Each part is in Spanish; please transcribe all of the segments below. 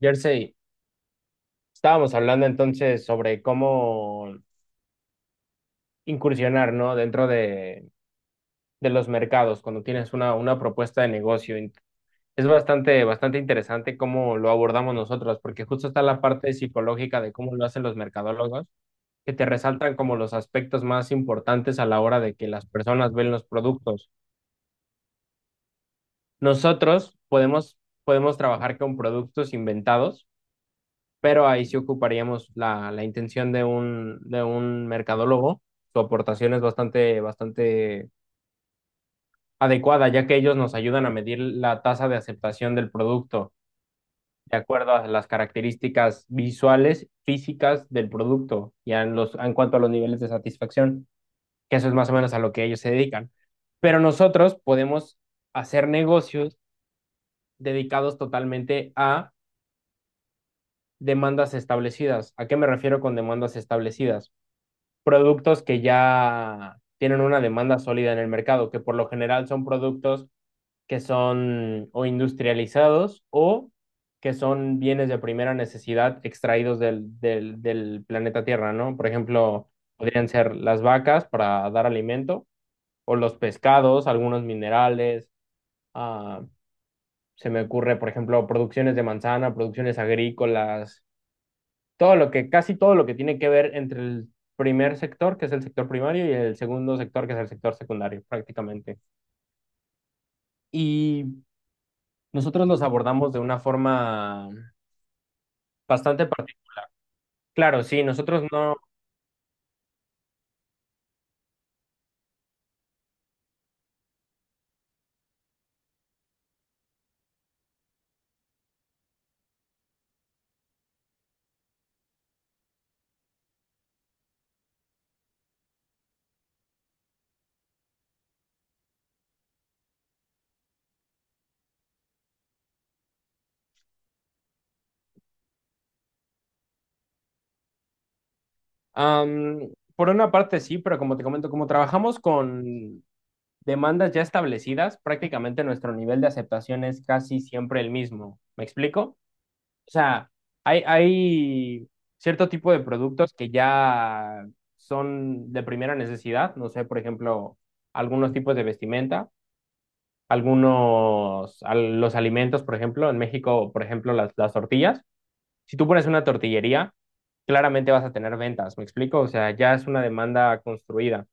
Jersey, estábamos hablando entonces sobre cómo incursionar, ¿no? Dentro de los mercados, cuando tienes una propuesta de negocio. Es bastante, bastante interesante cómo lo abordamos nosotros, porque justo está la parte psicológica de cómo lo hacen los mercadólogos, que te resaltan como los aspectos más importantes a la hora de que las personas ven los productos. Nosotros podemos trabajar con productos inventados, pero ahí sí ocuparíamos la intención de un mercadólogo. Su aportación es bastante, bastante adecuada, ya que ellos nos ayudan a medir la tasa de aceptación del producto de acuerdo a las características visuales, físicas del producto y a los, en cuanto a los niveles de satisfacción, que eso es más o menos a lo que ellos se dedican. Pero nosotros podemos hacer negocios dedicados totalmente a demandas establecidas. ¿A qué me refiero con demandas establecidas? Productos que ya tienen una demanda sólida en el mercado, que por lo general son productos que son o industrializados o que son bienes de primera necesidad extraídos del planeta Tierra, ¿no? Por ejemplo, podrían ser las vacas para dar alimento o los pescados, algunos minerales, ah, se me ocurre, por ejemplo, producciones de manzana, producciones agrícolas, todo lo que, casi todo lo que tiene que ver entre el primer sector, que es el sector primario, y el segundo sector, que es el sector secundario, prácticamente. Y nosotros los abordamos de una forma bastante particular. Claro, sí, nosotros no. am, por una parte sí, pero como te comento, como trabajamos con demandas ya establecidas, prácticamente nuestro nivel de aceptación es casi siempre el mismo. ¿Me explico? O sea, hay cierto tipo de productos que ya son de primera necesidad, no sé, por ejemplo, algunos tipos de vestimenta, los alimentos, por ejemplo, en México, por ejemplo, las tortillas. Si tú pones una tortillería, claramente vas a tener ventas, ¿me explico? O sea, ya es una demanda construida.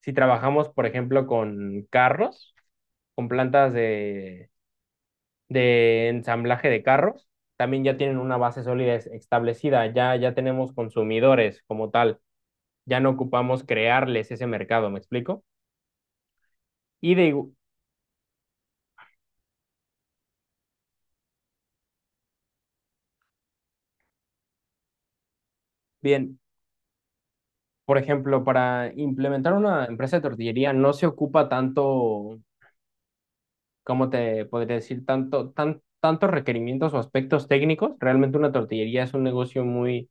Si trabajamos, por ejemplo, con carros, con plantas de ensamblaje de carros, también ya tienen una base sólida establecida, ya tenemos consumidores como tal, ya no ocupamos crearles ese mercado, ¿me explico? Y de, igu- Bien, por ejemplo, para implementar una empresa de tortillería no se ocupa tanto, ¿cómo te podría decir? Tantos requerimientos o aspectos técnicos. Realmente una tortillería es un negocio muy,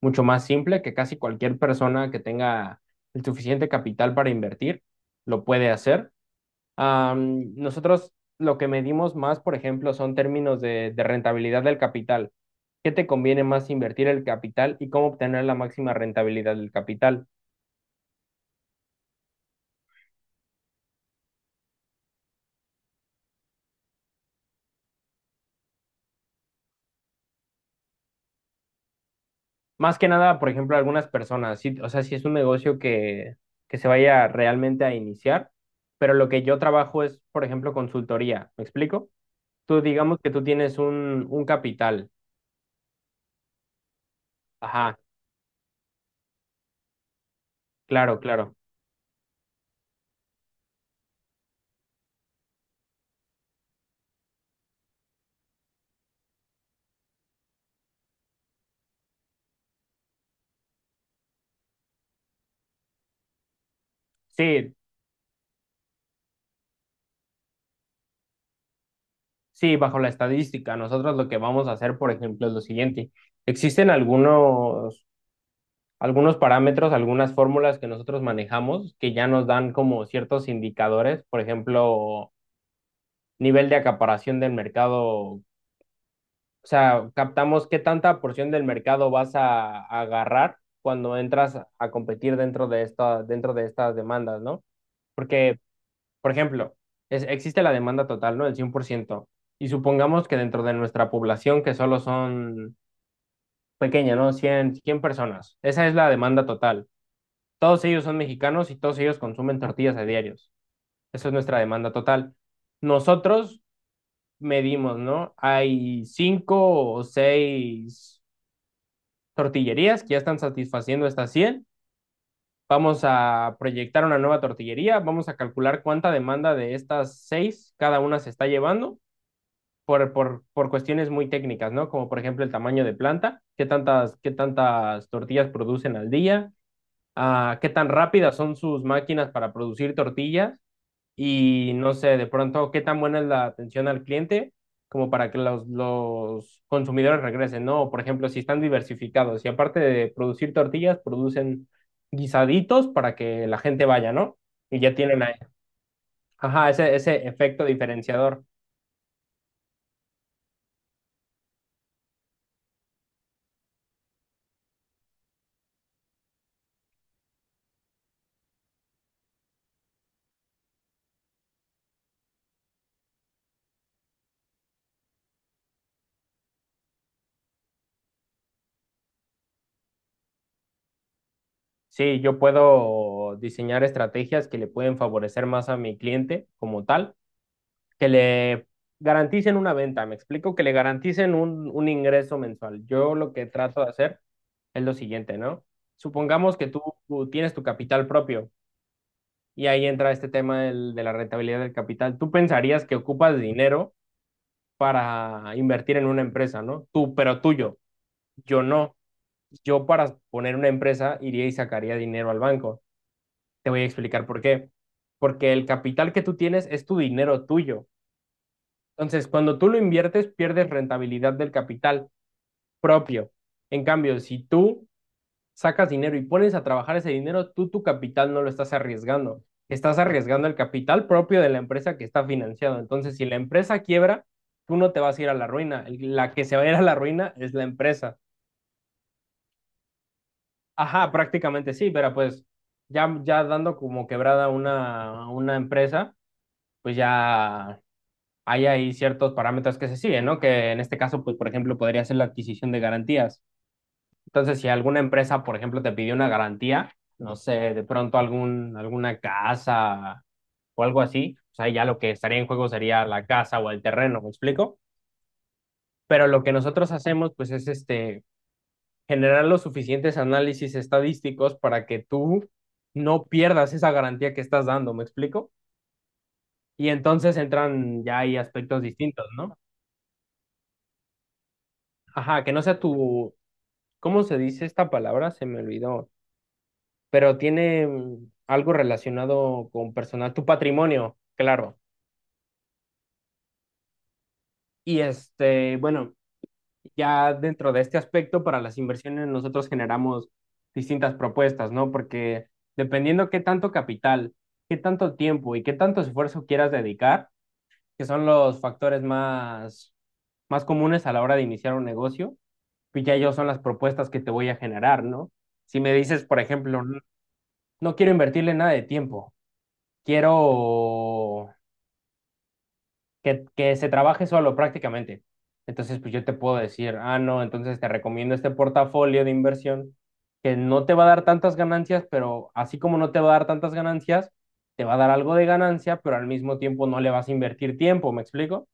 mucho más simple que casi cualquier persona que tenga el suficiente capital para invertir lo puede hacer. Nosotros lo que medimos más, por ejemplo, son términos de rentabilidad del capital. ¿Qué te conviene más invertir el capital y cómo obtener la máxima rentabilidad del capital? Más que nada, por ejemplo, algunas personas, sí, o sea, si es un negocio que se vaya realmente a iniciar, pero lo que yo trabajo es, por ejemplo, consultoría. ¿Me explico? Tú digamos que tú tienes un capital. Ajá, claro, claro. Sí, sí, bajo la estadística, nosotros lo que vamos a hacer, por ejemplo, es lo siguiente. Existen algunos parámetros, algunas fórmulas que nosotros manejamos que ya nos dan como ciertos indicadores, por ejemplo, nivel de acaparación del mercado, o sea, captamos qué tanta porción del mercado vas a agarrar cuando entras a competir dentro de estas demandas, ¿no? Porque Por ejemplo, existe la demanda total, ¿no? El 100%. Y supongamos que dentro de nuestra población, que solo son pequeña, ¿no?, cien personas. Esa es la demanda total. Todos ellos son mexicanos y todos ellos consumen tortillas a diarios. Esa es nuestra demanda total. Nosotros medimos, ¿no? Hay cinco o seis tortillerías que ya están satisfaciendo estas 100. Vamos a proyectar una nueva tortillería, vamos a calcular cuánta demanda de estas seis cada una se está llevando por cuestiones muy técnicas, ¿no? Como por ejemplo el tamaño de planta, qué tantas tortillas producen al día, qué tan rápidas son sus máquinas para producir tortillas y no sé, de pronto, qué tan buena es la atención al cliente como para que los, consumidores regresen, ¿no? O, por ejemplo, si están diversificados y aparte de producir tortillas, producen guisaditos para que la gente vaya, ¿no? Y ya tienen ahí, ajá, ese efecto diferenciador. Sí, yo puedo diseñar estrategias que le pueden favorecer más a mi cliente como tal, que le garanticen una venta, me explico, que le garanticen un ingreso mensual. Yo lo que trato de hacer es lo siguiente, ¿no? Supongamos que tú tienes tu capital propio y ahí entra este tema de la rentabilidad del capital. Tú pensarías que ocupas dinero para invertir en una empresa, ¿no? Tú, pero tuyo, yo no. Yo para poner una empresa iría y sacaría dinero al banco. Te voy a explicar por qué. Porque el capital que tú tienes es tu dinero tuyo. Entonces, cuando tú lo inviertes, pierdes rentabilidad del capital propio. En cambio, si tú sacas dinero y pones a trabajar ese dinero, tú tu capital no lo estás arriesgando. Estás arriesgando el capital propio de la empresa que está financiado. Entonces, si la empresa quiebra, tú no te vas a ir a la ruina. La que se va a ir a la ruina es la empresa. Ajá, prácticamente sí, pero pues ya dando como quebrada una empresa, pues ya hay ahí ciertos parámetros que se siguen, ¿no? Que en este caso, pues, por ejemplo, podría ser la adquisición de garantías. Entonces, si alguna empresa, por ejemplo, te pidió una garantía, no sé, de pronto algún, alguna casa o algo así, o sea, ya lo que estaría en juego sería la casa o el terreno, ¿me explico? Pero lo que nosotros hacemos, pues, es este, generar los suficientes análisis estadísticos para que tú no pierdas esa garantía que estás dando, ¿me explico? Y entonces entran ya ahí aspectos distintos, ¿no? Ajá, que no sea tu, ¿cómo se dice esta palabra? Se me olvidó. Pero tiene algo relacionado con personal, tu patrimonio, claro. Y este, bueno, ya dentro de este aspecto, para las inversiones nosotros generamos distintas propuestas, ¿no? Porque dependiendo qué tanto capital, qué tanto tiempo y qué tanto esfuerzo quieras dedicar, que son los factores más, más comunes a la hora de iniciar un negocio, pues ya ellos son las propuestas que te voy a generar, ¿no? Si me dices, por ejemplo, no, no quiero invertirle nada de tiempo. Quiero que se trabaje solo prácticamente. Entonces, pues yo te puedo decir, ah, no, entonces te recomiendo este portafolio de inversión que no te va a dar tantas ganancias, pero así como no te va a dar tantas ganancias, te va a dar algo de ganancia, pero al mismo tiempo no le vas a invertir tiempo, ¿me explico?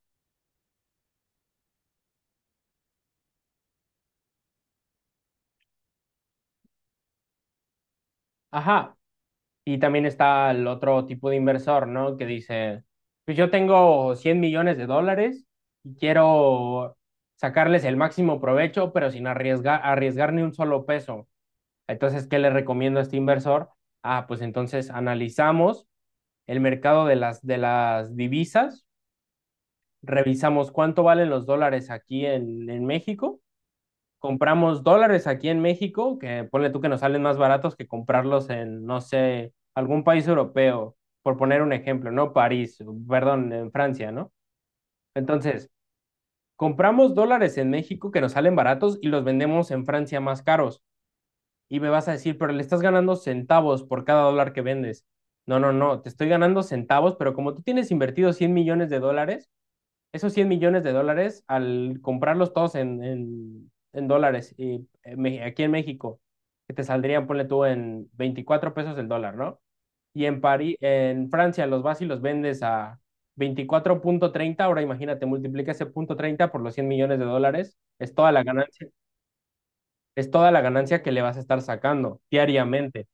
Ajá. Y también está el otro tipo de inversor, ¿no? Que dice, pues yo tengo $100 millones y quiero sacarles el máximo provecho, pero sin arriesgar, arriesgar ni un solo peso. Entonces, ¿qué le recomiendo a este inversor? Ah, pues entonces analizamos el mercado de las divisas, revisamos cuánto valen los dólares aquí en México, compramos dólares aquí en México, que ponle tú que nos salen más baratos que comprarlos en, no sé, algún país europeo, por poner un ejemplo, ¿no? París, perdón, en Francia, ¿no? Entonces, compramos dólares en México que nos salen baratos y los vendemos en Francia más caros. Y me vas a decir, pero le estás ganando centavos por cada dólar que vendes. No, no, no, te estoy ganando centavos, pero como tú tienes invertido $100 millones, esos cien millones de dólares, al comprarlos todos en dólares y aquí en México, que te saldrían, ponle tú, en 24 pesos el dólar, ¿no? Y en París, en Francia los vas y los vendes a 24.30. Ahora imagínate, multiplica ese punto 30 por los $100 millones, es toda la ganancia, es toda la ganancia que le vas a estar sacando diariamente.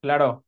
Claro,